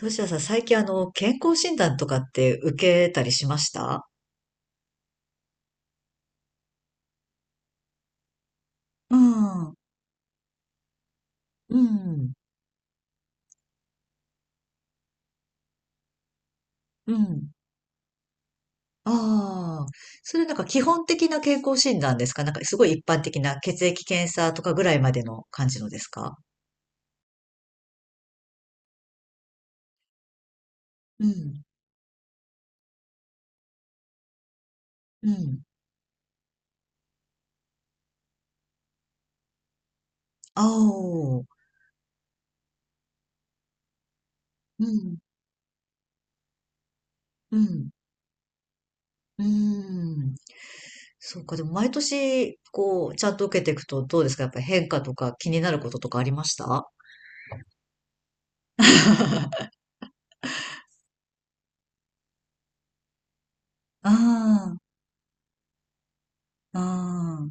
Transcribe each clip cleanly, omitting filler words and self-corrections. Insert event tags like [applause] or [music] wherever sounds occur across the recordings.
どうしよさん、最近健康診断とかって受けたりしました？うん、うん、うん。ああ、それなんか基本的な健康診断ですか？なんかすごい一般的な血液検査とかぐらいまでの感じのですか？うん、うん。ああうん、うん、うん。そうか、でも毎年、こう、ちゃんと受けていくとどうですか？やっぱり変化とか気になることとかありました？ [laughs] ああ、ああ、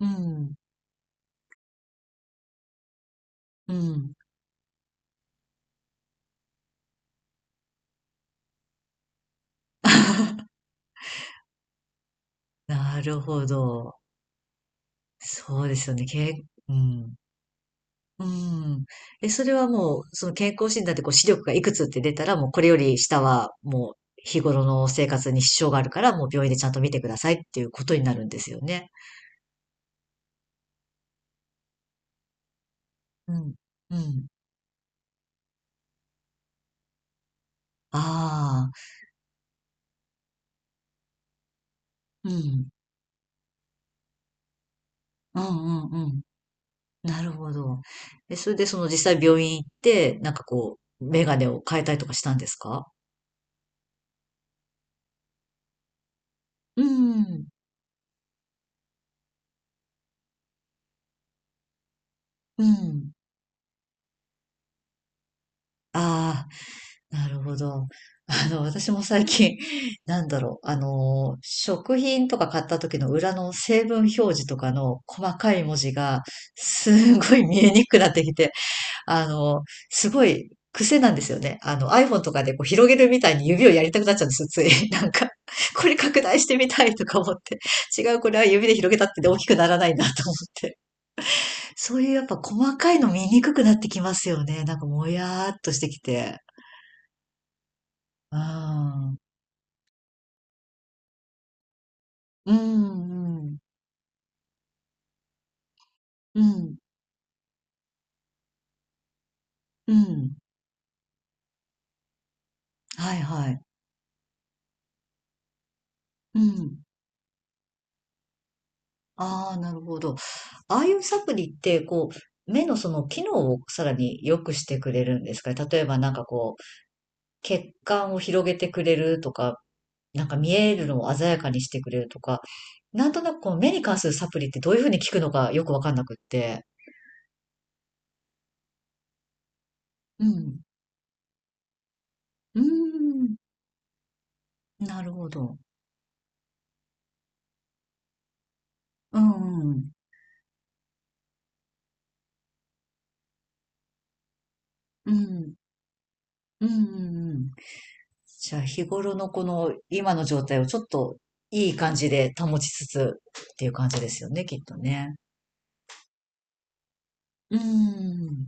うん、うん。[laughs] なるほど。そうですよね。け、うん。うん。え、それはもう、その健康診断でこう視力がいくつって出たら、もうこれより下はもう日頃の生活に支障があるから、もう病院でちゃんと見てくださいっていうことになるんですよね。うん。うん。ああ。うん。うんうんうん。なるほど。え、それでその実際病院行って、なんかこう、メガネを変えたりとかしたんですか？うん。うん。ああ。なるほど。[laughs] 私も最近、[laughs] なんだろう、食品とか買った時の裏の成分表示とかの細かい文字が、すごい見えにくくなってきて、あの、すごい癖なんですよね。iPhone とかでこう広げるみたいに指をやりたくなっちゃうんですよ、つい。[laughs] なんか、これ拡大してみたいとか思って。違う、これは指で広げたって大きくならないなと思って。そういうやっぱ細かいの見にくくなってきますよね。なんかもやーっとしてきて。うん。うん、うん、うん、うん。はいはい。うん。ああ、なるほど。ああいうサプリって、こう、目のその機能をさらに良くしてくれるんですかね。例えばなんかこう、血管を広げてくれるとか、なんか見えるのを鮮やかにしてくれるとか、なんとなくこの目に関するサプリってどういうふうに効くのかよくわかんなくって。うん。うーん。なるほど。うん、うん。うん、うん、うん。うんじゃあ日頃のこの今の状態をちょっといい感じで保ちつつっていう感じですよね、きっとね。うーん。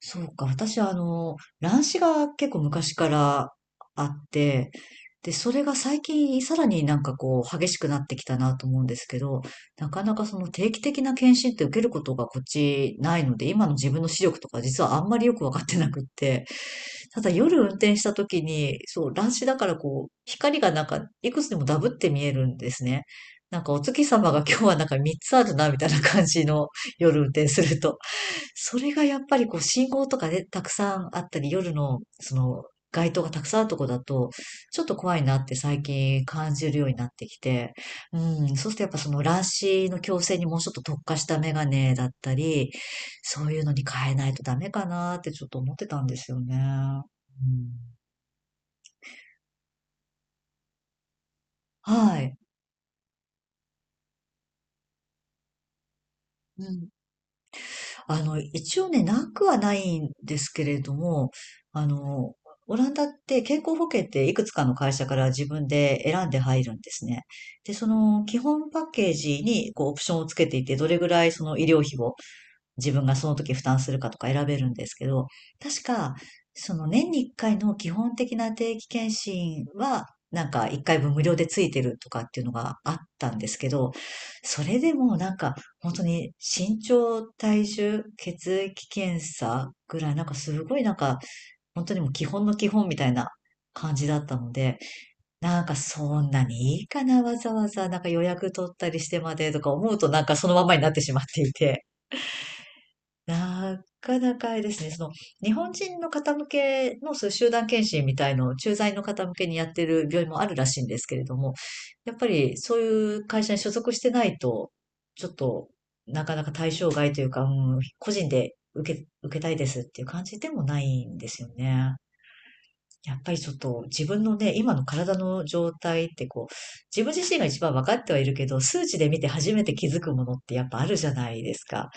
そうか。私は、乱視が結構昔からあって、で、それが最近さらになんかこう激しくなってきたなと思うんですけど、なかなかその定期的な検診って受けることがこっちないので、今の自分の視力とか実はあんまりよくわかってなくって、ただ夜運転した時に、そう、乱視だからこう、光がなんかいくつでもダブって見えるんですね。なんかお月様が今日はなんか3つあるなみたいな感じの夜運転すると。それがやっぱりこう信号とかでたくさんあったり、夜のその街灯がたくさんあるとこだと、ちょっと怖いなって最近感じるようになってきて、うん、そうするとやっぱその乱視の矯正にもうちょっと特化したメガネだったり、そういうのに変えないとダメかなってちょっと思ってたんですよね。うん、はい。うん。一応ね、なくはないんですけれども、あの、オランダって健康保険っていくつかの会社から自分で選んで入るんですね。で、その基本パッケージにこうオプションをつけていて、どれぐらいその医療費を自分がその時負担するかとか選べるんですけど、確か、その年に1回の基本的な定期検診は、なんか1回分無料でついてるとかっていうのがあったんですけど、それでもなんか本当に身長、体重、血液検査ぐらいなんかすごいなんか本当にもう基本の基本みたいな感じだったので、なんかそんなにいいかな、わざわざなんか予約取ったりしてまでとか思うとなんかそのままになってしまっていて。なかなかあれですね、その、日本人の方向けのそういう集団検診みたいのを駐在の方向けにやってる病院もあるらしいんですけれども、やっぱりそういう会社に所属してないと、ちょっとなかなか対象外というか、うん、個人で受け、受けたいですっていう感じでもないんですよね。やっぱりちょっと自分のね、今の体の状態ってこう、自分自身が一番分かってはいるけど、数値で見て初めて気づくものってやっぱあるじゃないですか。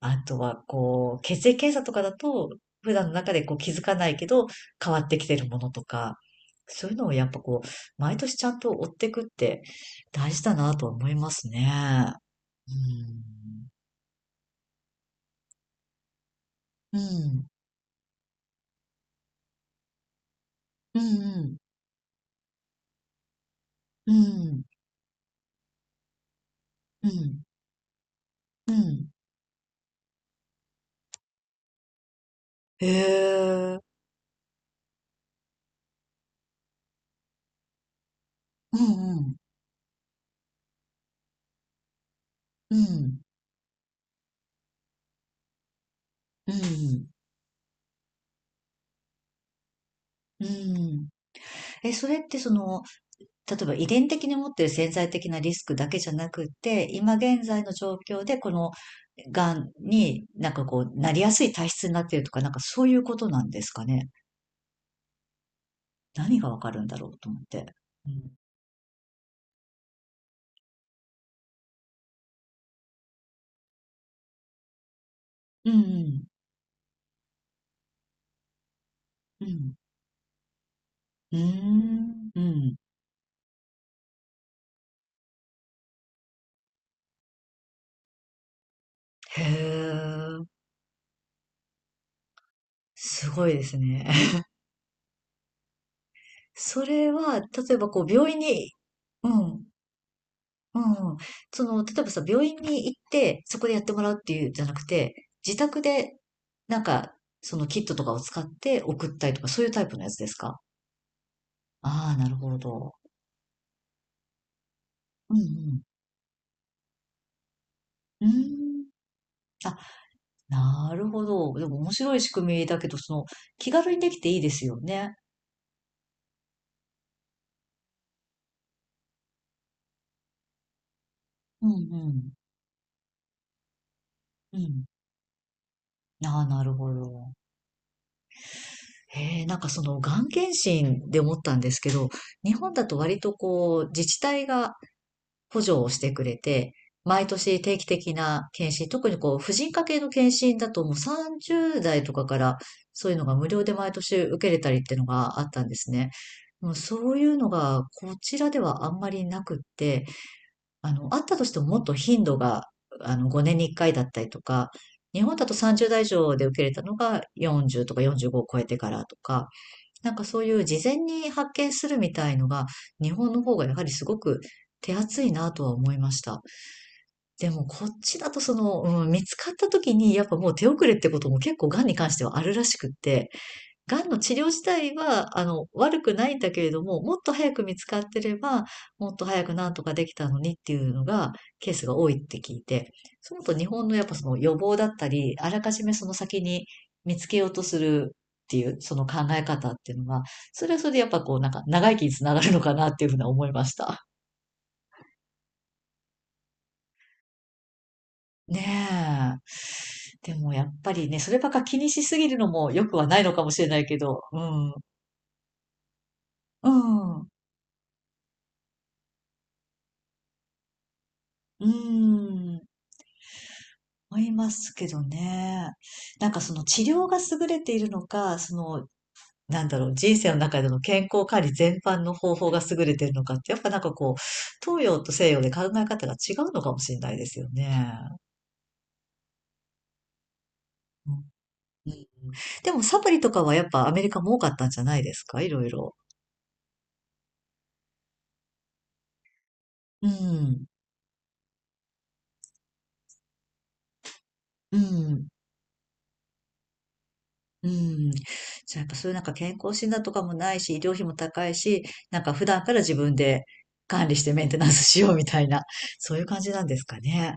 あとは、こう、血液検査とかだと、普段の中でこう気づかないけど、変わってきてるものとか、そういうのをやっぱこう、毎年ちゃんと追っていくって大事だなとは思いますね。うん。うん。うん。うん。うん。うん。うんへえ。うん。うん。うん。うん。うん。え、それってその、例えば遺伝的に持っている潜在的なリスクだけじゃなくって、今現在の状況でこの癌になんかこう、なりやすい体質になっているとか、なんかそういうことなんですかね。何がわかるんだろうと思って。うん。うんうん。うん。ーん。うん。へえ。すごいですね。[laughs] それは、例えばこう、病院に、うん。うん。その、例えばさ、病院に行って、そこでやってもらうっていうんじゃなくて、自宅で、なんか、そのキットとかを使って送ったりとか、そういうタイプのやつですか？ああー、なるほど。うんうん。うーん。あ、なるほど。でも面白い仕組みだけど、その、気軽にできていいですよね。うんうん。うん。ああ、なるほど。へえ、なんかその、がん検診で思ったんですけど、日本だと割とこう、自治体が補助をしてくれて、毎年定期的な検診、特にこう、婦人科系の検診だともう30代とかからそういうのが無料で毎年受けれたりっていうのがあったんですね。もうそういうのがこちらではあんまりなくって、あったとしてももっと頻度が、5年に1回だったりとか、日本だと30代以上で受けれたのが40とか45を超えてからとか、なんかそういう事前に発見するみたいのが、日本の方がやはりすごく手厚いなとは思いました。でもこっちだとその、うん、見つかった時にやっぱもう手遅れってことも結構がんに関してはあるらしくって、癌の治療自体は、悪くないんだけれども、もっと早く見つかってれば、もっと早くなんとかできたのにっていうのが、ケースが多いって聞いて、そう思うと日本のやっぱその予防だったり、あらかじめその先に見つけようとするっていう、その考え方っていうのが、それはそれでやっぱこう、なんか長生きにつながるのかなっていうふうには思いました。ねえ。でもやっぱりね、そればっか気にしすぎるのも良くはないのかもしれないけど、うん。うん。うーん。思いますけどね。なんかその治療が優れているのか、その、なんだろう、人生の中での健康管理全般の方法が優れているのかって、やっぱなんかこう、東洋と西洋で考え方が違うのかもしれないですよね。うん、うんでもサプリとかはやっぱアメリカも多かったんじゃないですか？いろいろ。うん。うん。うん。じゃあやっぱそういうなんか健康診断とかもないし、医療費も高いし、なんか普段から自分で管理してメンテナンスしようみたいな、そういう感じなんですかね。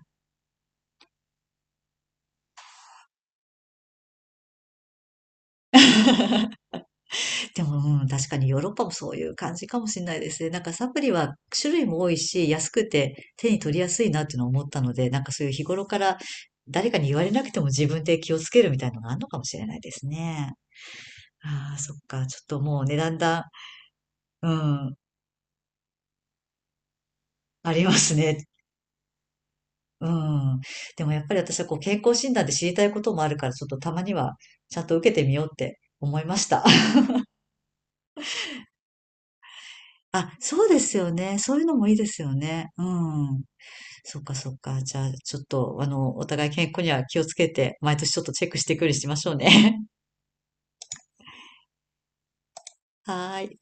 でも、うん、確かにヨーロッパもそういう感じかもしれないですね。なんかサプリは種類も多いし、安くて手に取りやすいなっていうのを思ったので、なんかそういう日頃から誰かに言われなくても自分で気をつけるみたいなのがあるのかもしれないですね。ああ、そっか。ちょっともうね、だんだん、うん、ありますね。うん。でもやっぱり私はこう健康診断で知りたいこともあるから、ちょっとたまにはちゃんと受けてみようって思いました。[laughs] あ、そうですよね。そういうのもいいですよね。うん。そっかそっか。じゃあ、ちょっと、お互い健康には気をつけて、毎年ちょっとチェックしていくようにしましょうね。[laughs] はーい。